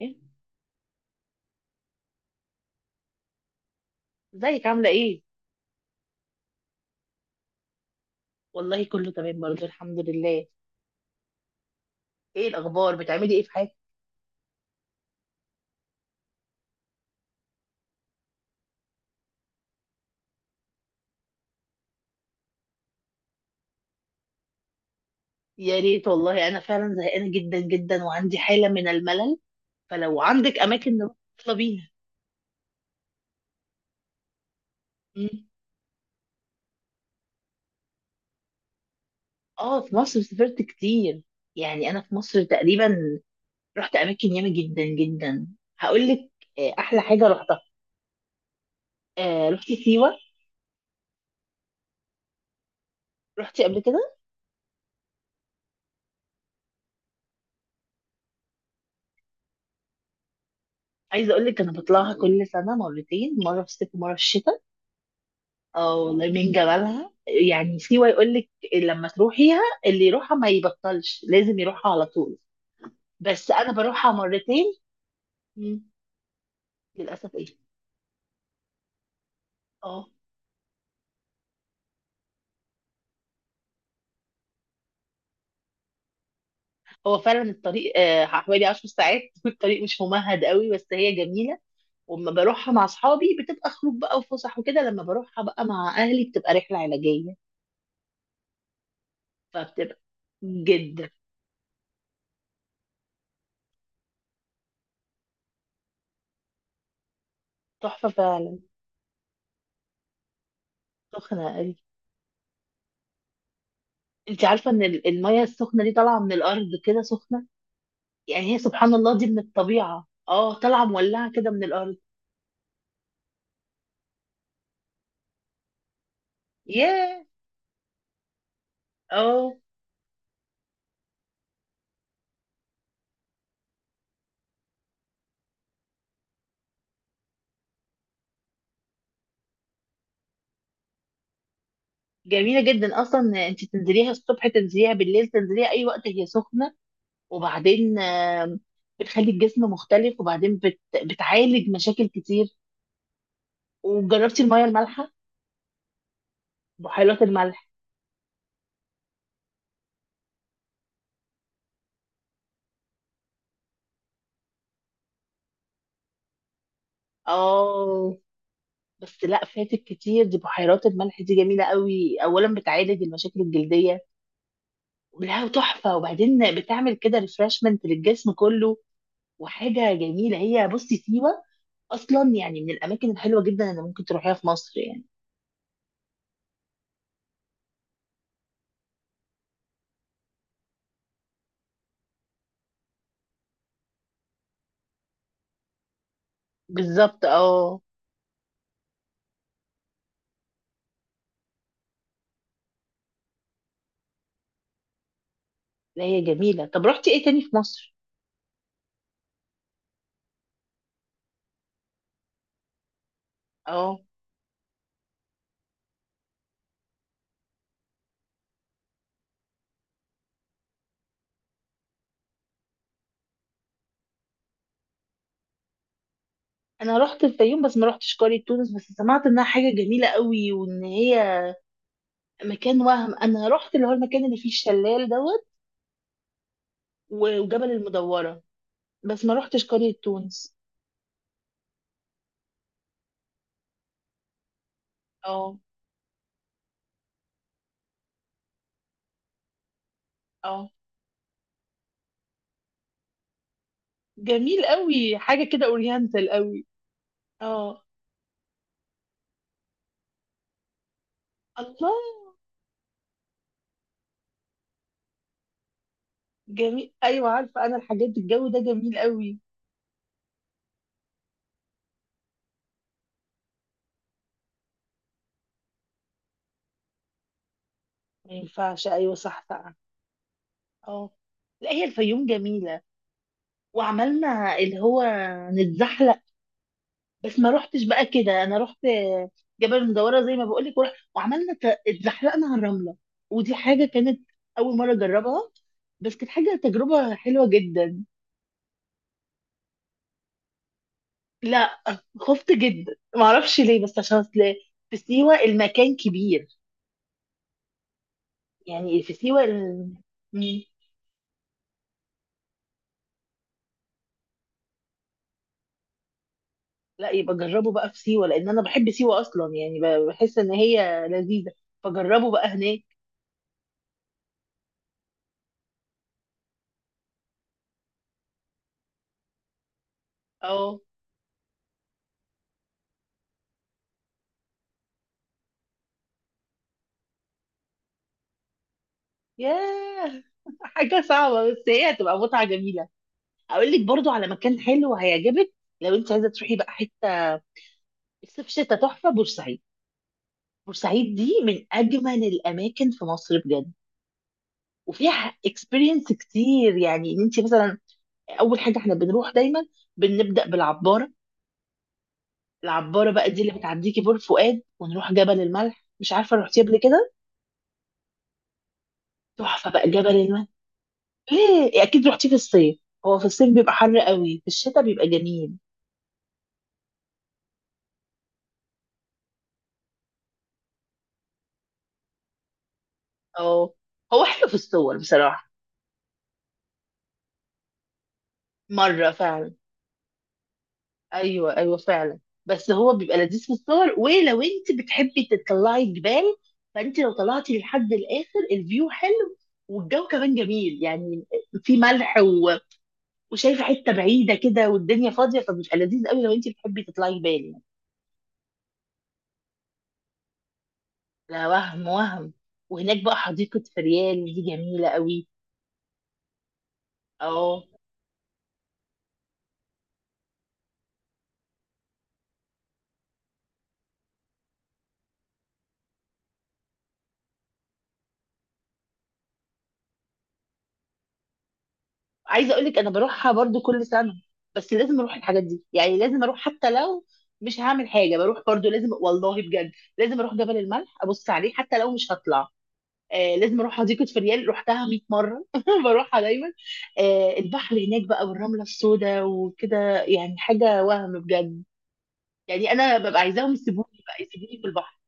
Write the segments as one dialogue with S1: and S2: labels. S1: إيه؟ ازيك عاملة ايه؟ والله كله تمام برضه الحمد لله. ايه الأخبار بتعملي ايه في حياتك؟ يا ريت والله أنا فعلا زهقانة جدا جدا وعندي حالة من الملل، فلو عندك أماكن نروح يلا بينا. مم. اه في مصر سافرت كتير. يعني أنا في مصر تقريبا رحت أماكن ياما جدا جدا. هقول لك، أحلى حاجة رحتها، رحت سيوة. رحتي قبل كده؟ عايزة أقول لك أنا بطلعها كل سنة مرتين، مرة في الصيف ومرة في الشتاء. اه والله من جمالها، يعني سيوة يقول لك لما تروحيها اللي يروحها ما يبطلش، لازم يروحها على طول. بس انا بروحها مرتين. مم. للاسف ايه؟ اه. هو فعلا الطريق حوالي 10 ساعات والطريق مش ممهد قوي بس هي جميله. واما بروحها مع اصحابي بتبقى خروج بقى وفسح وكده، لما بروحها بقى مع اهلي بتبقى رحله علاجيه. فبتبقى جدا تحفه فعلا. سخنه قوي. انت عارفه ان الميه السخنه دي طالعه من الارض كده سخنه. يعني هي سبحان الله دي من الطبيعة، اه، طالعة مولعة كده من الأرض. ياه. اه. جميلة جدا أصلا، أنت تنزليها الصبح تنزليها بالليل تنزليها أي وقت هي سخنة، وبعدين بتخلي الجسم مختلف، وبعدين بتعالج مشاكل كتير. وجربتي المية المالحة؟ بحيرات الملح. اه. بس لا، فاتك كتير، دي بحيرات الملح دي جميلة قوي، أولا بتعالج المشاكل الجلدية. لا تحفة، وبعدين بتعمل كده ريفرشمنت للجسم كله. وحاجه جميله هي، بصي سيوه اصلا يعني من الاماكن الحلوه جدا اللي ممكن تروحيها في مصر يعني. بالظبط اه. لا هي جميله. طب رحتي ايه تاني في مصر؟ اه انا رحت الفيوم بس ما رحتش قريه تونس، بس سمعت انها حاجه جميله قوي وان هي مكان وهم. انا رحت اللي هو المكان اللي فيه الشلال دوت وجبل المدوره، بس ما رحتش قريه تونس. اه. اه. جميل قوي، حاجه كده اورينتال قوي. اه. الله. جميل، ايوه عارفه انا الحاجات دي، الجو ده جميل قوي. ما ينفعش، ايوه صح بقى. اه. لا هي الفيوم جميله. وعملنا اللي هو نتزحلق، بس ما روحتش بقى كده. انا رحت جبل المدوره زي ما بقول لك، وعملنا اتزحلقنا على الرمله، ودي حاجه كانت اول مره اجربها، بس كانت حاجه تجربه حلوه جدا. لا خفت جدا، ما اعرفش ليه، بس عشان اصل في سيوه المكان كبير، يعني في سيوه لا يبقى جربه بقى في سيوة، لأن أنا بحب سيوة أصلا، يعني بحس إن هي لذيذة، فجربه بقى هناك. أه. ياه حاجة صعبة بس هي هتبقى متعة جميلة. أقول لك برضو على مكان حلو هيعجبك، لو أنت عايزة تروحي بقى حتة الصيف شتاء تحفة، بورسعيد. بورسعيد دي من أجمل الأماكن في مصر بجد، وفيها اكسبيرينس كتير، يعني ان انت مثلا اول حاجه احنا بنروح دايما بنبدا بالعباره. العباره بقى دي اللي بتعديكي بور فؤاد، ونروح جبل الملح، مش عارفه رحتي قبل كده. تحفه بقى جبل المن. ليه، اكيد رحتي في الصيف. هو في الصيف بيبقى حر قوي، في الشتاء بيبقى جميل. اه. هو حلو في الصور بصراحه. مره فعلا. ايوه ايوه فعلا. بس هو بيبقى لذيذ في الصور، ولو انت بتحبي تطلعي الجبال، فانت لو طلعتي لحد الاخر الفيو حلو، والجو كمان جميل يعني. في ملح وشايفه حته بعيده كده والدنيا فاضيه، فبيبقى لذيذ قوي لو انت بتحبي تطلعي جبال يعني. لا وهم وهم. وهناك بقى حديقة فريال دي جميلة قوي. اه. عايزه اقول لك انا بروحها برضو كل سنه، بس لازم اروح الحاجات دي، يعني لازم اروح حتى لو مش هعمل حاجه، بروح برضو لازم والله بجد. لازم اروح جبل الملح، ابص عليه حتى لو مش هطلع. لازم اروح حديقه فريال، رحتها 100 مره بروحها دايما. البحر هناك بقى، والرمله السوداء وكده، يعني حاجه وهم بجد. يعني انا ببقى عايزاهم يسيبوني بقى، يسيبوني في البحر.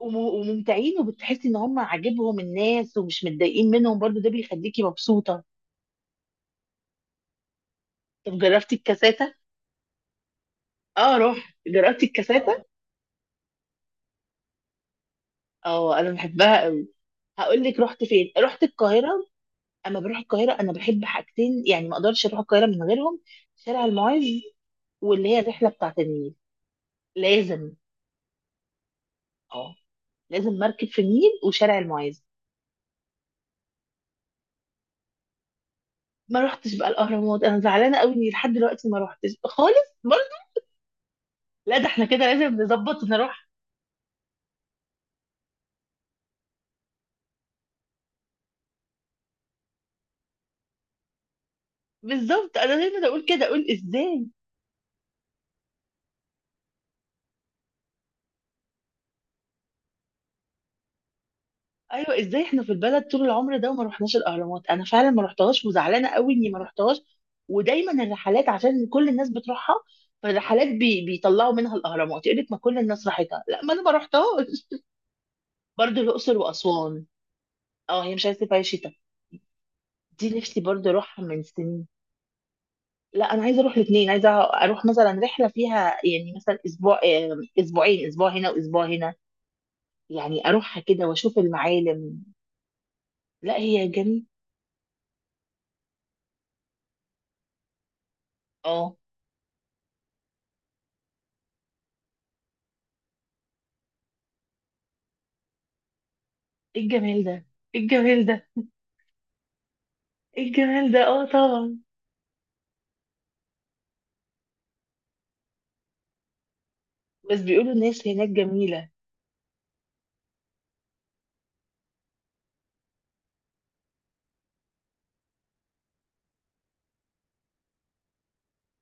S1: وممتعين، وبتحسي ان هم عاجبهم الناس ومش متضايقين منهم، برضو ده بيخليكي مبسوطه. طب جربتي الكاسات؟ اه رحت جربت الكاساتا. اه انا بحبها قوي. هقول لك رحت فين، رحت القاهره. اما بروح القاهره انا بحب حاجتين، يعني ما اقدرش اروح القاهره من غيرهم، شارع المعز واللي هي الرحله بتاعت النيل. لازم. اه. لازم مركب في النيل وشارع المعز. ما رحتش بقى الاهرامات، انا زعلانه قوي اني لحد دلوقتي ما رحتش خالص برضه. لا ده احنا كده لازم نظبط نروح. بالظبط، انا دايما اقول كده، اقول ازاي، ايوه ازاي احنا في البلد طول العمر ده وما رحناش الاهرامات. انا فعلا ما رحتهاش وزعلانه قوي اني ما رحتهاش. ودايما الرحلات عشان كل الناس بتروحها، فالرحلات بيطلعوا منها الاهرامات يقول لك، ما كل الناس راحتها. لا ما انا ما رحتهاش. برضه الاقصر واسوان. اه هي مش عايزه تبقى شتاء. دي نفسي برضه اروحها من سنين. لا انا عايزه اروح الاثنين، عايزه اروح مثلا رحله فيها يعني مثلا اسبوع اسبوعين، اسبوع هنا واسبوع هنا، يعني اروحها كده واشوف المعالم. لا هي جميل. اه. ايه الجمال ده، ايه الجمال ده، ايه الجمال ده اه طبعا. بس بيقولوا الناس هناك جميلة.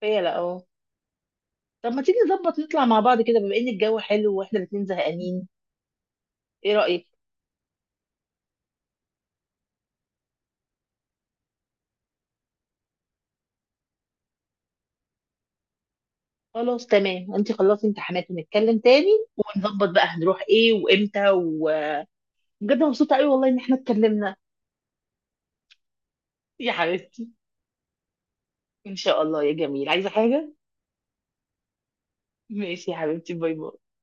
S1: فيا لا اه. طب ما تيجي نظبط نطلع مع بعض كده، بما ان الجو حلو واحنا الاتنين زهقانين، ايه رأيك؟ خلاص تمام، انت خلصتي امتحانات ونتكلم تاني، ونظبط بقى هنروح ايه وامتى. وبجد مبسوطة قوي والله ان احنا اتكلمنا يا حبيبتي. ان شاء الله يا جميل، عايزة حاجة؟ ماشي يا حبيبتي، باي باي.